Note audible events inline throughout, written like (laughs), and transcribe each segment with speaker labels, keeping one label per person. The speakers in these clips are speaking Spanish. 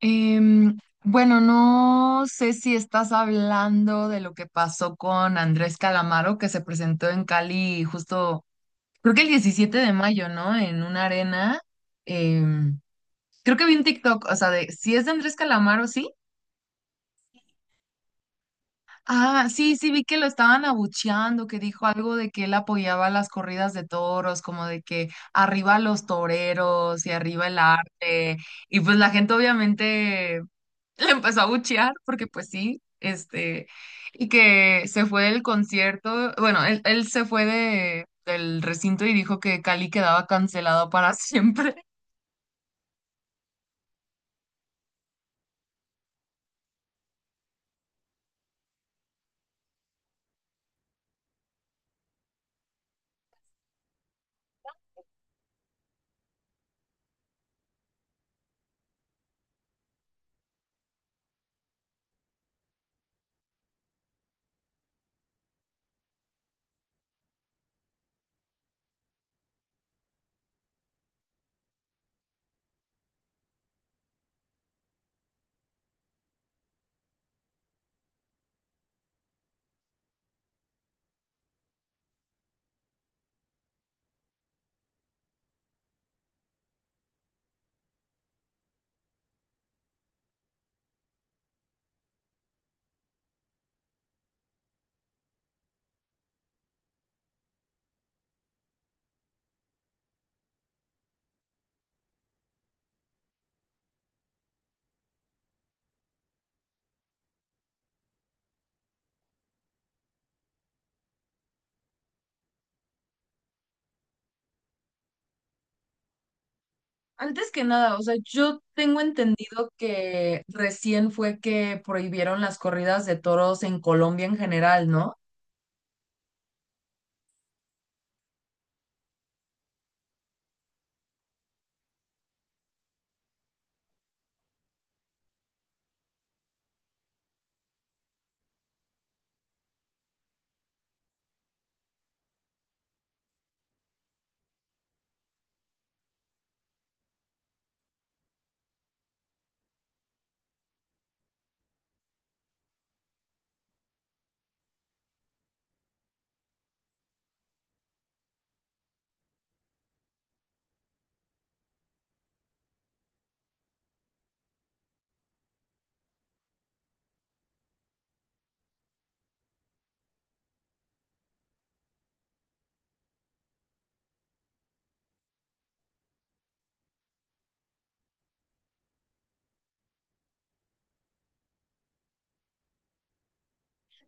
Speaker 1: Em, bueno, no sé si estás hablando de lo que pasó con Andrés Calamaro, que se presentó en Cali justo, creo que el 17 de mayo, ¿no? En una arena. Em, Creo que vi un TikTok, o sea, de si es de Andrés Calamaro, ¿sí? Ah, sí, sí, vi que lo estaban abucheando, que dijo algo de que él apoyaba las corridas de toros, como de que arriba los toreros y arriba el arte. Y pues la gente obviamente le empezó a buchear porque pues sí, este, y que se fue del concierto, bueno, él se fue de, del recinto y dijo que Cali quedaba cancelado para (laughs) siempre. Antes que nada, o sea, yo tengo entendido que recién fue que prohibieron las corridas de toros en Colombia en general, ¿no?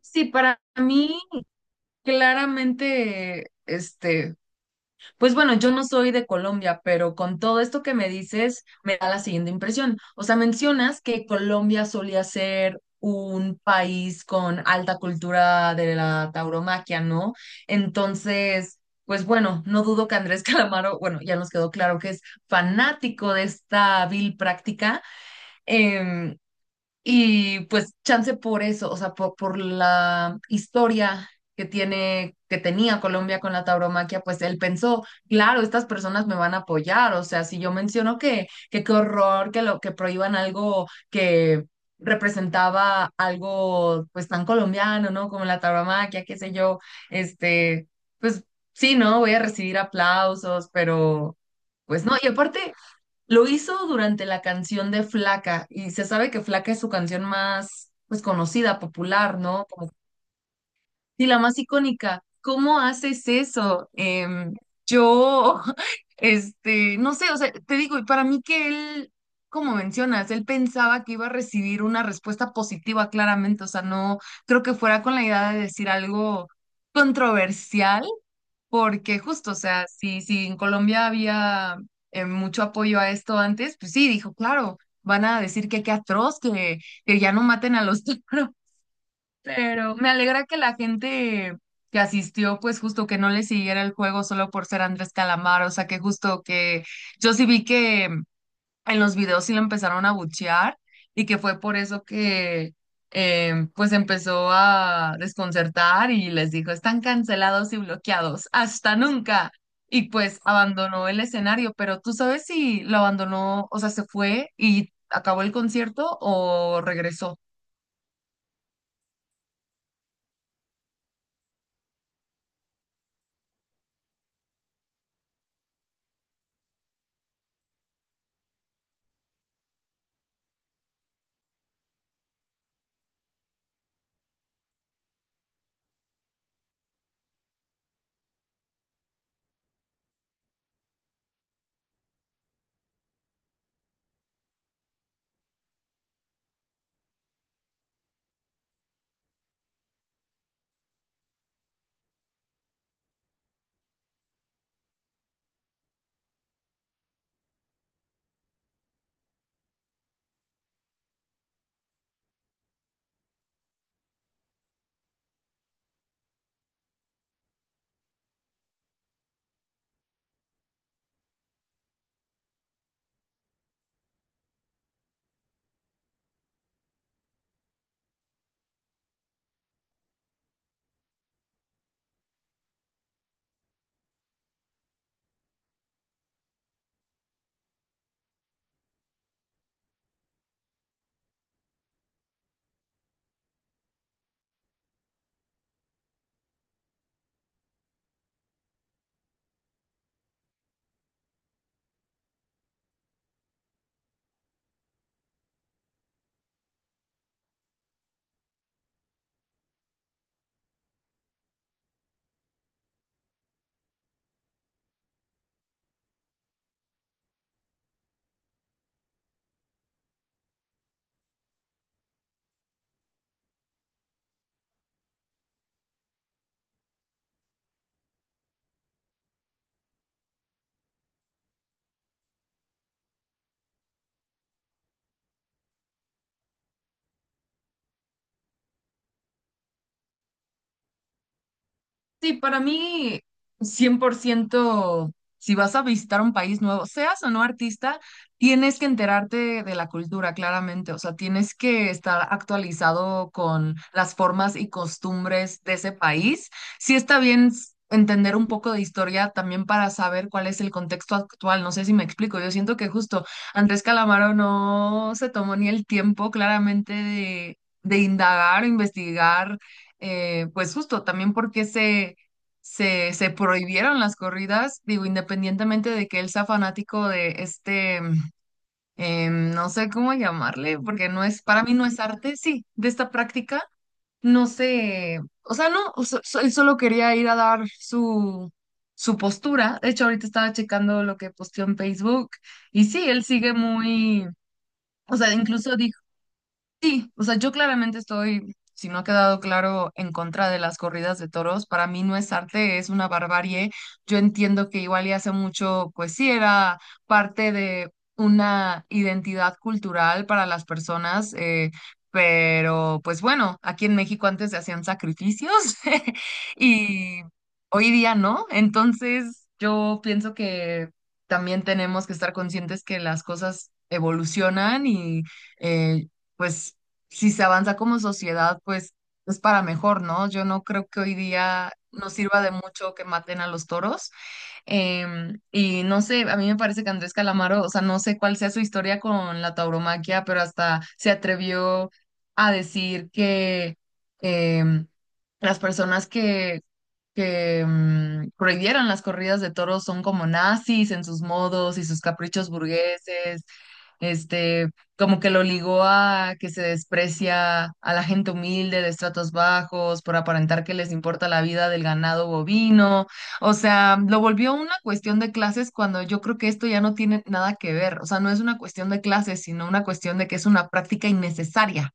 Speaker 1: Sí, para mí claramente, este, pues bueno, yo no soy de Colombia, pero con todo esto que me dices, me da la siguiente impresión. O sea, mencionas que Colombia solía ser un país con alta cultura de la tauromaquia, ¿no? Entonces, pues bueno, no dudo que Andrés (laughs) Calamaro, bueno, ya nos quedó claro que es fanático de esta vil práctica. em, y pues chance por eso, o sea, por la historia que tiene, que tenía Colombia con la tauromaquia, pues él pensó, claro, estas personas me van a apoyar, o sea, si yo menciono que qué horror, que lo que prohíban algo que representaba algo pues tan colombiano, ¿no? Como la tauromaquia, qué sé yo, este, pues sí, ¿no? Voy a recibir aplausos, pero pues no, y aparte lo hizo durante la canción de Flaca y se sabe que Flaca es su canción más, pues, conocida, popular, ¿no? Como, sí, la más icónica. ¿Cómo haces eso? Yo, (laughs) este, no sé, o sea, te digo, y para mí que él, como mencionas, él pensaba que iba a recibir una respuesta positiva claramente, o sea, no creo que fuera con la idea de decir algo controversial porque justo, o sea, si en Colombia había mucho apoyo a esto antes, pues sí, dijo, claro, van a decir que qué atroz, que ya no maten a los toros. (laughs) Pero me alegra que la gente que asistió, pues justo que no le siguiera el juego solo por ser Andrés Calamar, o sea, que justo que yo sí vi que en los videos sí lo empezaron a buchear y que fue por eso que pues empezó a desconcertar y les dijo, están cancelados y bloqueados, hasta nunca. Y pues abandonó el escenario, pero tú sabes si lo abandonó, o sea, se fue y acabó el concierto o regresó. Sí, para mí, 100%. Si vas a visitar un país nuevo, seas o no artista, tienes que enterarte de la cultura, claramente. O sea, tienes que estar actualizado con las formas y costumbres de ese país. Sí está bien entender un poco de historia también para saber cuál es el contexto actual. No sé si me explico. Yo siento que justo Andrés Calamaro no se tomó ni el tiempo, claramente, de indagar o investigar, pues justo también porque se prohibieron las corridas, digo, independientemente de que él sea fanático de este, no sé cómo llamarle, porque no es, para mí no es arte, sí, de esta práctica, no sé, o sea, no, él solo quería ir a dar su, su postura, de hecho ahorita estaba checando lo que posteó en Facebook, y sí, él sigue muy... O sea, incluso sí, o sea, yo claramente estoy, si no ha quedado claro, en contra de las corridas de toros. Para mí no es arte, es una barbarie. Yo entiendo que igual y hace mucho, pues sí, era parte de una identidad cultural para las personas, pero pues bueno, aquí en México antes se hacían sacrificios (laughs) y hoy día no. Entonces yo pienso que también tenemos que estar conscientes que las cosas evolucionan y... eh, pues si se avanza como sociedad, pues es para mejor, ¿no? Yo no creo que hoy día nos sirva de mucho que maten a los toros. Y no sé, a mí me parece que Andrés Calamaro, o sea, no sé cuál sea su historia con la tauromaquia, pero hasta se atrevió a decir que, em, las personas que prohibieron las corridas de toros son como nazis en sus modos y sus caprichos burgueses, este, como que lo ligó a que se desprecia a la gente humilde de estratos bajos por aparentar que les importa la vida del ganado bovino, o sea, lo volvió una cuestión de clases cuando yo creo que esto ya no tiene nada que ver, o sea, no es una cuestión de clases, sino una cuestión de que es una práctica innecesaria.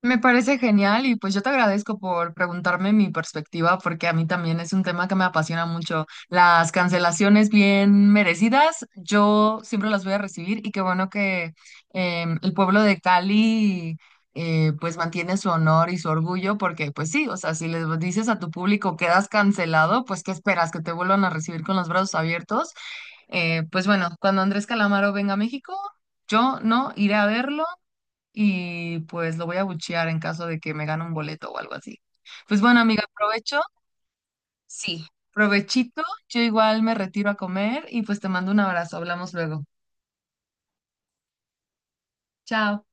Speaker 1: Me parece genial y pues yo te agradezco por preguntarme mi perspectiva porque a mí también es un tema que me apasiona mucho. Las cancelaciones bien merecidas, yo siempre las voy a recibir y qué bueno que el pueblo de Cali, pues mantiene su honor y su orgullo porque pues sí, o sea, si les dices a tu público quedas cancelado, pues ¿qué esperas? ¿Que te vuelvan a recibir con los brazos abiertos? Pues bueno, cuando Andrés Calamaro venga a México, yo no iré a verlo y pues lo voy a buchear en caso de que me gane un boleto o algo así. Pues bueno, amiga, provecho. Sí, provechito. Yo igual me retiro a comer y pues te mando un abrazo. Hablamos luego. Chao.